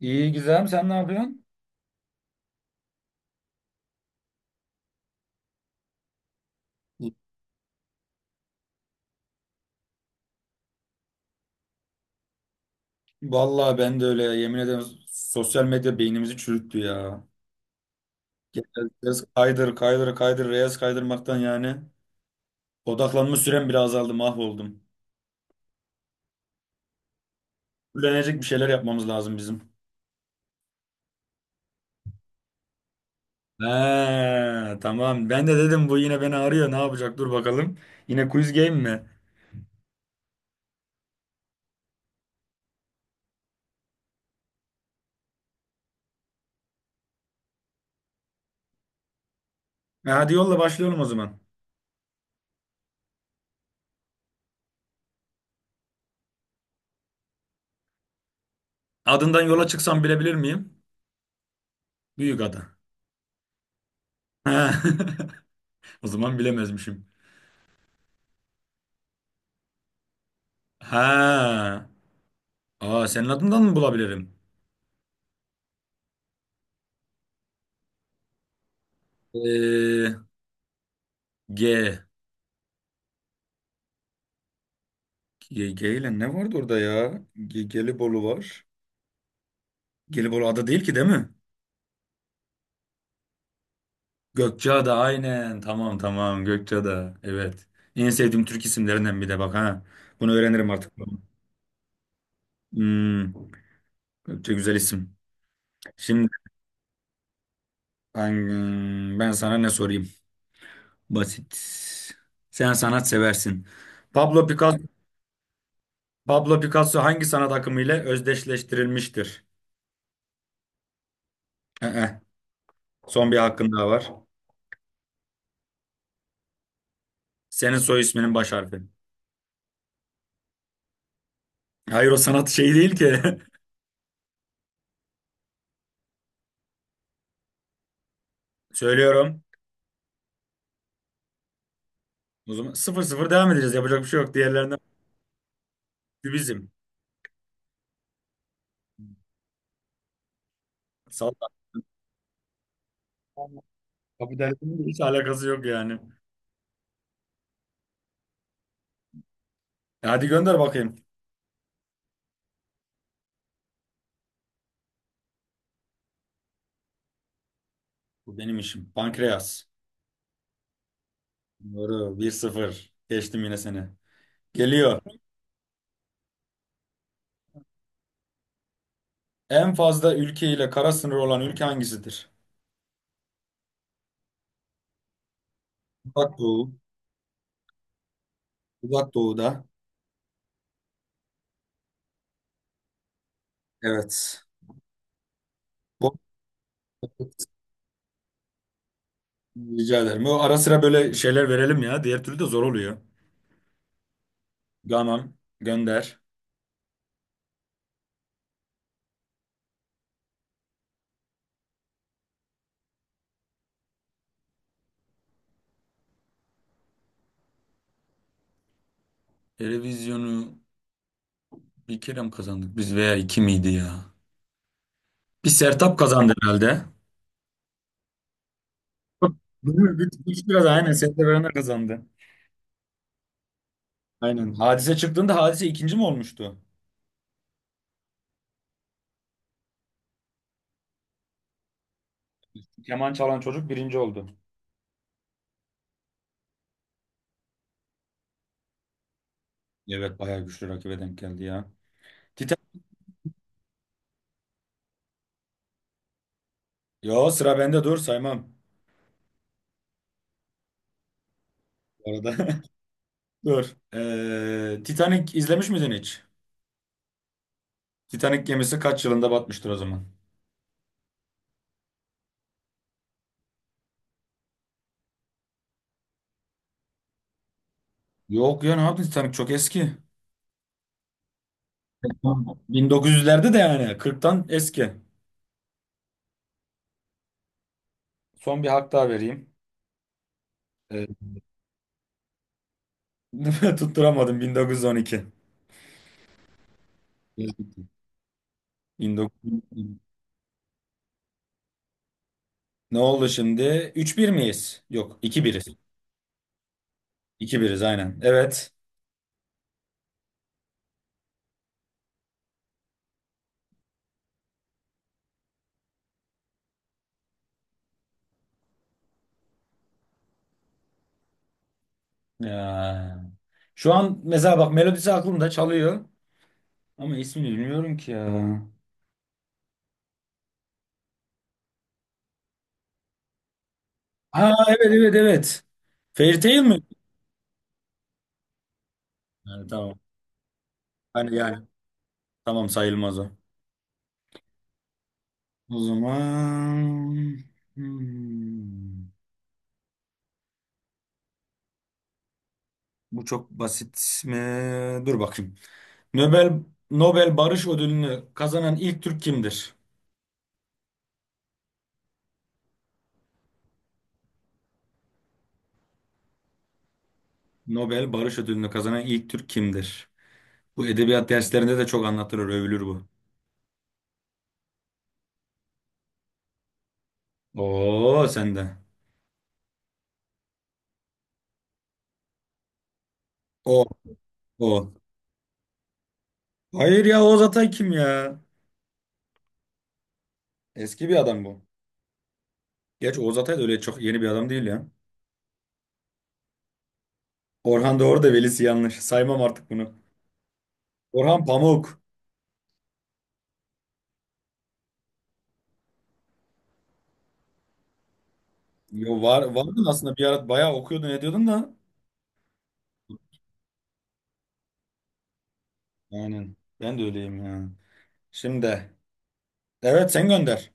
İyi Gizem, sen ne yapıyorsun? Vallahi ben de öyle ya. Yemin ederim sosyal medya beynimizi çürüttü ya. Genel Reels kaydır kaydır kaydır reels kaydırmaktan yani odaklanma sürem bile azaldı, mahvoldum. Öğrenecek bir şeyler yapmamız lazım bizim. He, tamam, ben de dedim bu yine beni arıyor ne yapacak, dur bakalım. Yine quiz game mi? E, hadi yolla, başlayalım o zaman. Adından yola çıksam bilebilir miyim? Büyük ada. O zaman bilemezmişim. Ha. Aa, senin adından mı bulabilirim? Ee, G. G ile ne vardı orada ya? G, Gelibolu var. Gelibolu ada değil ki, değil mi? Gökçeada, aynen. Tamam tamam, Gökçeada. Evet. En sevdiğim Türk isimlerinden bir de bak ha. Bunu öğrenirim artık. Hmm. Gökçe güzel isim. Şimdi ben sana ne sorayım? Basit. Sen sanat seversin. Pablo Picasso, Pablo Picasso hangi sanat akımı ile özdeşleştirilmiştir? Ee, son bir hakkın daha var. Senin soy isminin baş harfi. Hayır, o sanat şeyi değil ki. Söylüyorum. O zaman 0-0 devam edeceğiz. Yapacak bir şey yok. Diğerlerinden bizim. Salla. Kapitalizmin hiç alakası yok yani. E, hadi gönder bakayım. Bu benim işim. Pankreas. Doğru. 1-0. Geçtim yine seni. Geliyor. En fazla ülke ile kara sınırı olan ülke hangisidir? Uzak Doğu. Uzak Doğu'da. Evet. Bu- Rica ederim. Bu ara sıra böyle şeyler verelim ya. Diğer türlü de zor oluyor. Tamam. Gönder. Televizyonu bir kere mi kazandık biz, veya iki miydi ya? Bir Sertap kazandı herhalde. Değil mi? Bir kişi kazandı. Aynen, Sertab Erener kazandı. Aynen. Hadise çıktığında Hadise ikinci mi olmuştu? Keman çalan çocuk birinci oldu. Evet, bayağı güçlü rakibe denk geldi ya. Titan... Yo, sıra bende, dur saymam. Bu arada. Dur. Titanic izlemiş miydin hiç? Titanic gemisi kaç yılında batmıştır o zaman? Yok ya, ne yaptın, Titanic çok eski. 1900'lerde de yani, 40'tan eski. Son bir hak daha vereyim. Ee, Tutturamadım, 1912. 1912. Ne oldu şimdi? 3-1 miyiz? Yok, 2-1'iz. 2-1'iz aynen. Evet. Ya. Şu an mesela bak, melodisi aklımda çalıyor. Ama ismini bilmiyorum ki ya. Ha evet evet evet. Fairytale mi? Yani, tamam. Hani yani. Tamam, sayılmaz o. O zaman hmm, bu çok basit mi? Dur bakayım. Nobel Nobel Barış Ödülünü kazanan ilk Türk kimdir? Nobel Barış Ödülünü kazanan ilk Türk kimdir? Bu edebiyat derslerinde de çok anlatılır, övülür bu. Oo, sende. O, o. Hayır ya, Oğuz Atay kim ya? Eski bir adam bu. Gerçi Oğuz Atay da öyle çok yeni bir adam değil ya. Orhan Doğru da velisi yanlış. Saymam artık bunu. Orhan Pamuk. Yo, var, vardın aslında, bir ara bayağı okuyordun ediyordun da. Aynen. Ben de öyleyim ya. Şimdi. Evet, sen gönder.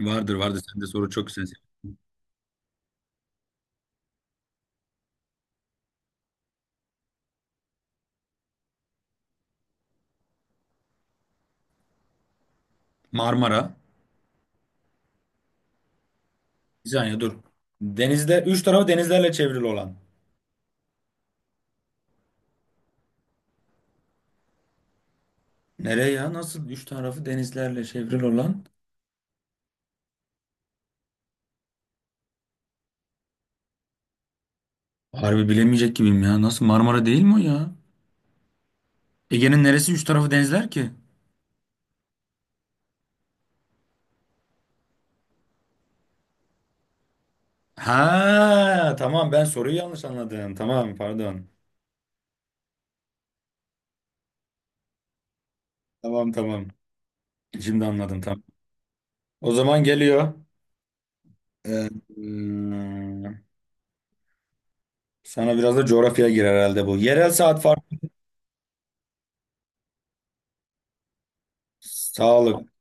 Vardır vardır, sende soru çok güzel. Marmara. Bir saniye dur. Denizde, üç tarafı denizlerle çevrili olan. Nereye ya? Nasıl üç tarafı denizlerle çevrili olan? Harbi bilemeyecek gibiyim ya. Nasıl Marmara değil mi o ya? Ege'nin neresi üç tarafı denizler ki? Ha tamam, ben soruyu yanlış anladım. Tamam, pardon. Tamam tamam. Şimdi anladım, tamam. O zaman geliyor. Ee, hmm, sana biraz da coğrafya girer herhalde bu. Yerel saat farkı. Sağlık.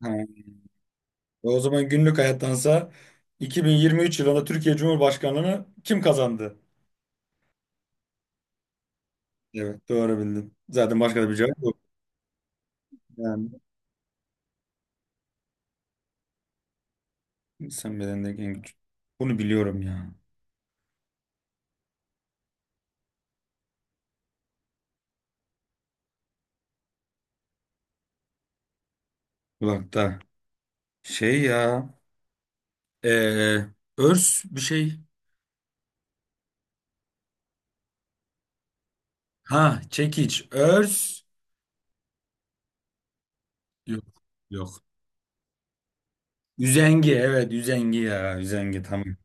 Ha. O zaman günlük hayattansa, 2023 yılında Türkiye Cumhurbaşkanlığını kim kazandı? Evet, doğru bildin. Zaten başka da bir cevap yok. Yani İnsan bedenindeki en güç. Bunu biliyorum ya. Kulakta. Şey ya. eee, örs bir şey. Ha, çekiç. Örs. Yok. Yok. Üzengi. Evet, üzengi ya. Üzengi, tamam.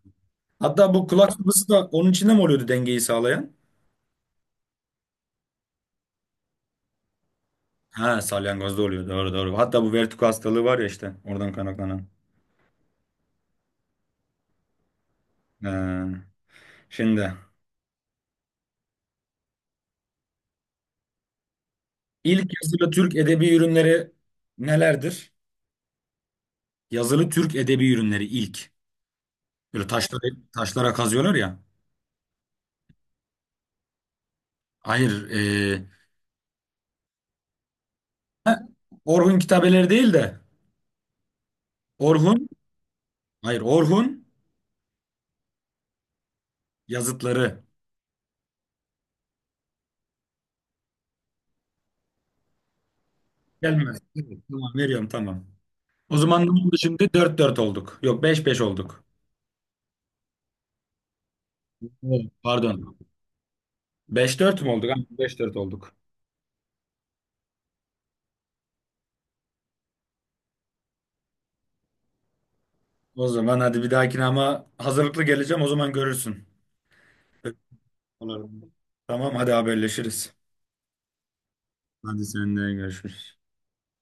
Hatta bu kulak sıvısı da onun içinde mi oluyordu, dengeyi sağlayan? Ha, salyangozda oluyor. Doğru doğru. Hatta bu vertigo hastalığı var ya işte. Oradan kaynaklanan. Ee, şimdi. İlk yazılı Türk edebi ürünleri nelerdir? Yazılı Türk edebi ürünleri ilk. Böyle taşlara, kazıyorlar ya. Hayır. Ha, Orhun kitabeleri değil de Orhun. Hayır, Orhun yazıtları. Gelmez. Evet, tamam, veriyorum tamam. O zaman ne oldu şimdi? 4-4 olduk. Yok, 5-5 olduk. Evet. Pardon. 5-4 mü olduk? Aynen, 5-4 olduk. O zaman hadi bir dahakine, ama hazırlıklı geleceğim o zaman, görürsün. Olur. Tamam, hadi haberleşiriz. Hadi, seninle görüşürüz.